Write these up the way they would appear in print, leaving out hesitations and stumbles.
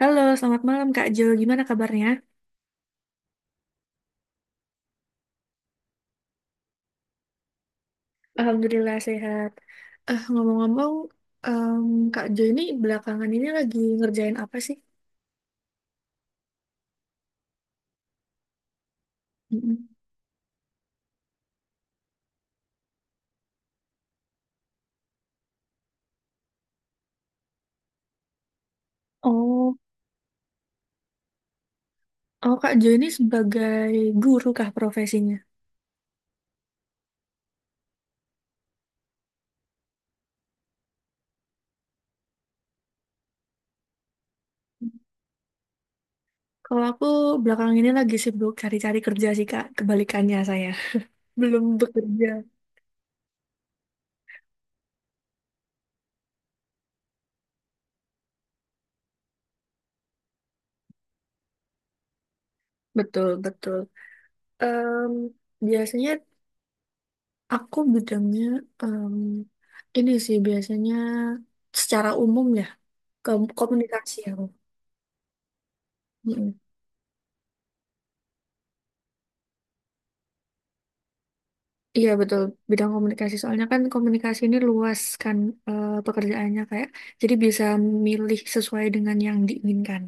Halo, selamat malam Kak Jo. Gimana kabarnya? Alhamdulillah sehat. Ngomong-ngomong, em, Kak Jo ini belakangan ini lagi ngerjain apa sih? Mm-mm. Oh, oh Kak Jo ini sebagai guru kah profesinya? Kalau aku belakangan ini lagi sibuk cari-cari kerja sih Kak, kebalikannya saya. Belum bekerja. Betul, betul. Em, biasanya aku bidangnya em, ini sih biasanya secara umum ya, ke komunikasi aku. Iya betul bidang komunikasi soalnya kan komunikasi ini luas kan pekerjaannya kayak jadi bisa milih sesuai dengan yang diinginkan.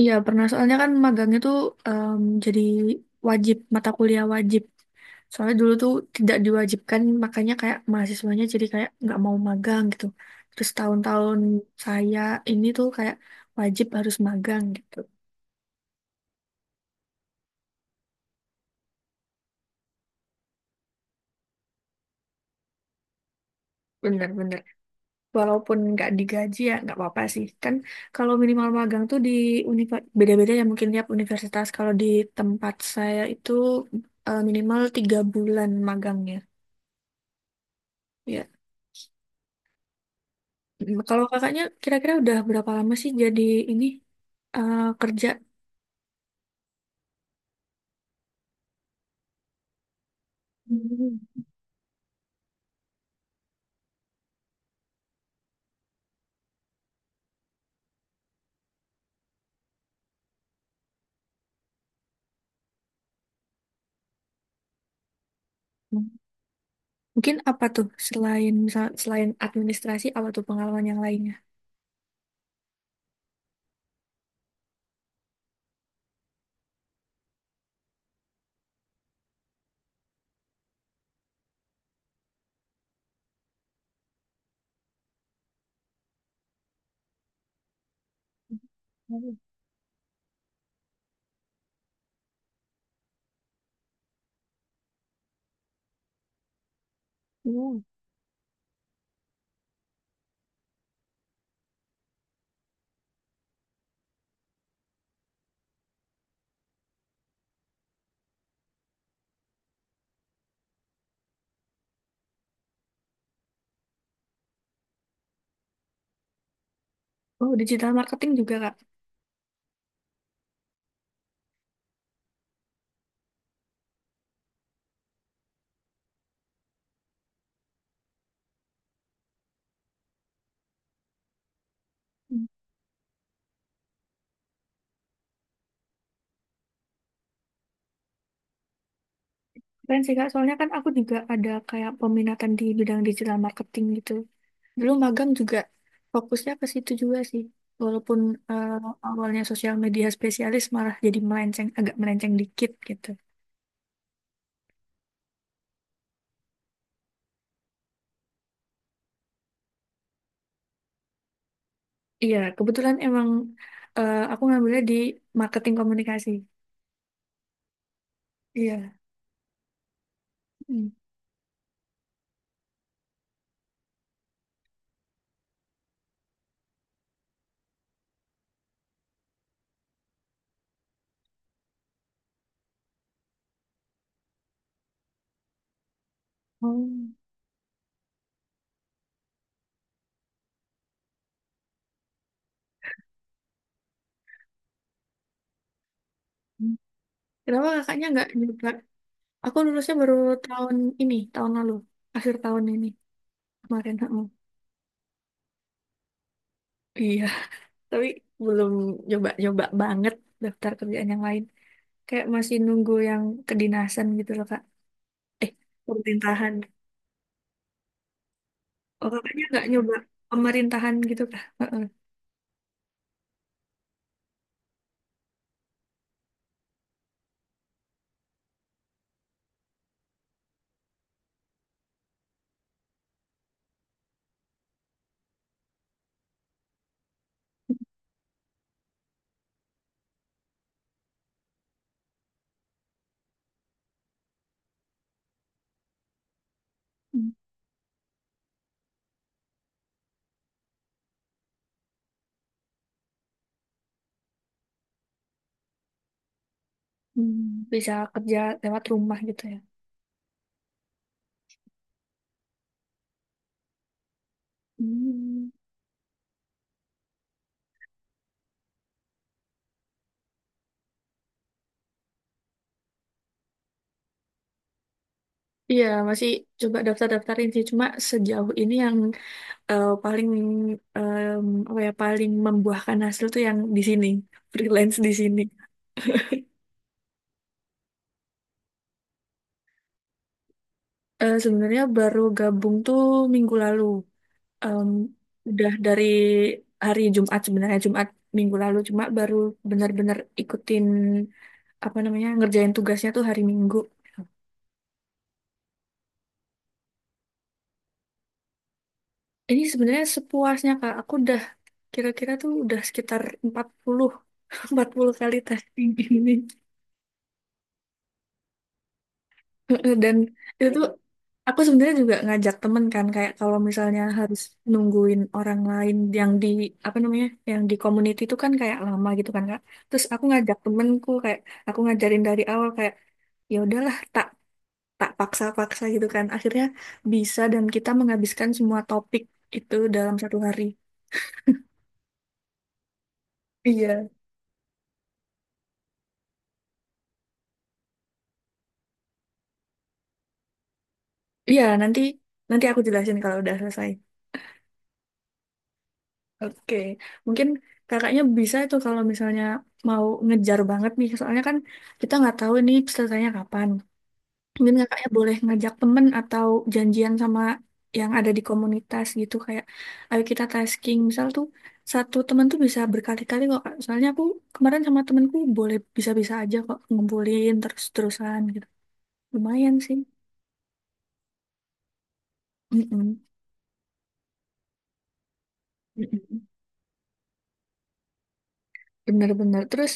Iya pernah soalnya kan magang itu jadi wajib mata kuliah wajib. Soalnya dulu tuh tidak diwajibkan makanya kayak mahasiswanya jadi kayak nggak mau magang gitu. Terus tahun-tahun saya ini tuh kayak wajib harus magang gitu. Bener-bener. Walaupun nggak digaji ya nggak apa-apa sih kan kalau minimal magang tuh di beda-beda ya mungkin tiap universitas kalau di tempat saya itu minimal 3 bulan magangnya ya. Mm, kalau kakaknya kira-kira udah berapa lama sih jadi ini kerja. Hmm. Mungkin apa tuh selain misal selain administrasi apa tuh pengalaman yang lainnya? Hmm. Oh, digital marketing juga, Kak. Keren sih Kak, soalnya kan aku juga ada kayak peminatan di bidang digital marketing gitu. Dulu magang juga fokusnya ke situ juga sih. Walaupun eh, awalnya sosial media spesialis malah jadi melenceng, agak melenceng dikit gitu. Iya, kebetulan emang aku ngambilnya di marketing komunikasi. Iya. Hmm. Oh. Hmm. Kenapa kakaknya nggak nyoba? Aku lulusnya baru tahun ini, tahun lalu. Akhir tahun ini, kemarin. Heeh. Iya. Tapi belum nyoba-nyoba banget daftar kerjaan yang lain. Kayak masih nunggu yang kedinasan gitu loh, Kak. Eh, pemerintahan. Oh, kakaknya nggak nyoba pemerintahan gitu, Kak? Heeh. Hmm. Bisa kerja lewat rumah gitu ya. Hmm. Iya, masih coba daftar-daftarin sih. Cuma sejauh ini yang paling em, apa ya, paling membuahkan hasil tuh yang di sini, freelance di sini. Sebenarnya baru gabung tuh minggu lalu. em, udah dari hari Jumat sebenarnya Jumat minggu lalu cuma baru benar-benar ikutin apa namanya ngerjain tugasnya tuh hari Minggu. Ini sebenarnya sepuasnya Kak. Aku udah kira-kira tuh udah sekitar 40 40 kali testing ini. Dan itu tuh aku sebenarnya juga ngajak temen kan kayak kalau misalnya harus nungguin orang lain yang di apa namanya yang di community itu kan kayak lama gitu kan Kak. Terus aku ngajak temenku kayak aku ngajarin dari awal kayak ya udahlah tak tak paksa-paksa gitu kan. Akhirnya bisa dan kita menghabiskan semua topik itu dalam satu hari. Iya. Iya, nanti nanti aku jelasin kalau udah selesai. Oke, mungkin kakaknya bisa itu kalau misalnya mau ngejar banget nih, soalnya kan kita nggak tahu nih pesertanya kapan. Mungkin kakaknya boleh ngajak temen atau janjian sama yang ada di komunitas gitu, kayak ayo kita tasking. Misal tuh satu temen tuh bisa berkali-kali kok, Kak. Soalnya aku kemarin sama temenku boleh bisa-bisa aja kok ngumpulin terus-terusan gitu. Lumayan sih. Mm-mm. Mm-mm. Benar-benar. Terus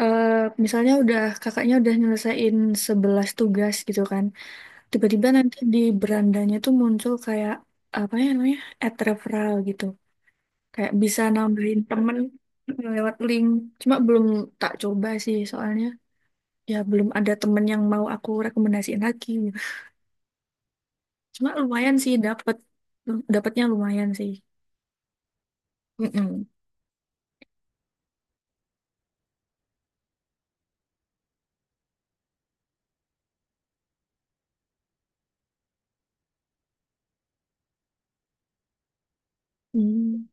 eh, misalnya udah kakaknya udah nyelesain 11 tugas gitu kan. Tiba-tiba nanti di berandanya tuh muncul kayak apa ya namanya? Ad referral gitu. Kayak bisa nambahin temen lewat link. Cuma belum tak coba sih soalnya ya belum ada temen yang mau aku rekomendasiin lagi. Gitu. Cuma lumayan sih dapet dapetnya lumayan sih. Mm-mm. Hmm.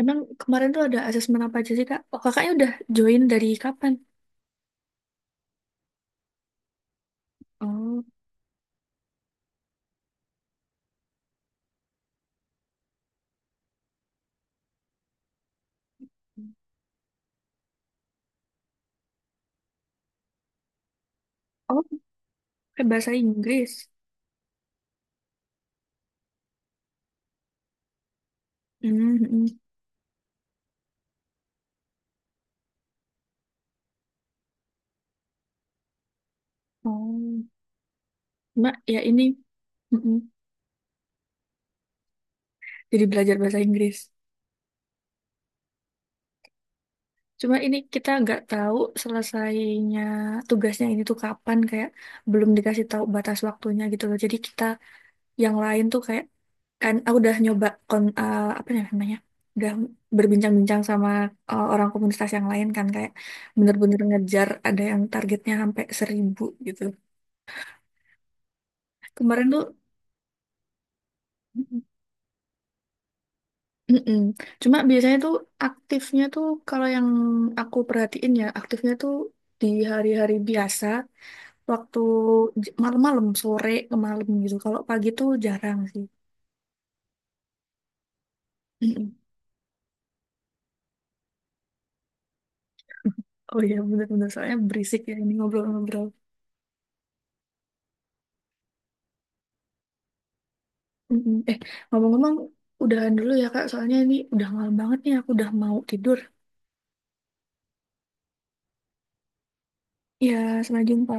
Emang kemarin tuh ada asesmen apa aja sih, Kak? Oh, kakaknya udah join dari kapan? Oh. Oh, pakai bahasa Inggris. Hmm, hmm. Oh, Mbak, ya ini hmm. Jadi belajar bahasa Inggris. Cuma ini kita nggak tahu selesainya tugasnya ini tuh kapan, kayak belum dikasih tahu batas waktunya gitu loh. Jadi kita yang lain tuh kayak kan aku udah nyoba apa ya namanya? Udah berbincang-bincang sama orang komunitas yang lain kan kayak bener-bener ngejar ada yang targetnya sampai 1.000 gitu. Kemarin tuh hmm, mm-mm. Cuma biasanya tuh aktifnya tuh kalau yang aku perhatiin ya aktifnya tuh di hari-hari biasa waktu malam-malam sore ke malam gitu. Kalau pagi tuh jarang sih. Mm-mm. Oh iya bener-bener soalnya berisik ya ini ngobrol-ngobrol. Mm-mm. Eh, ngomong-ngomong udahan dulu ya Kak soalnya ini udah malam banget nih aku udah mau tidur. Ya sampai jumpa.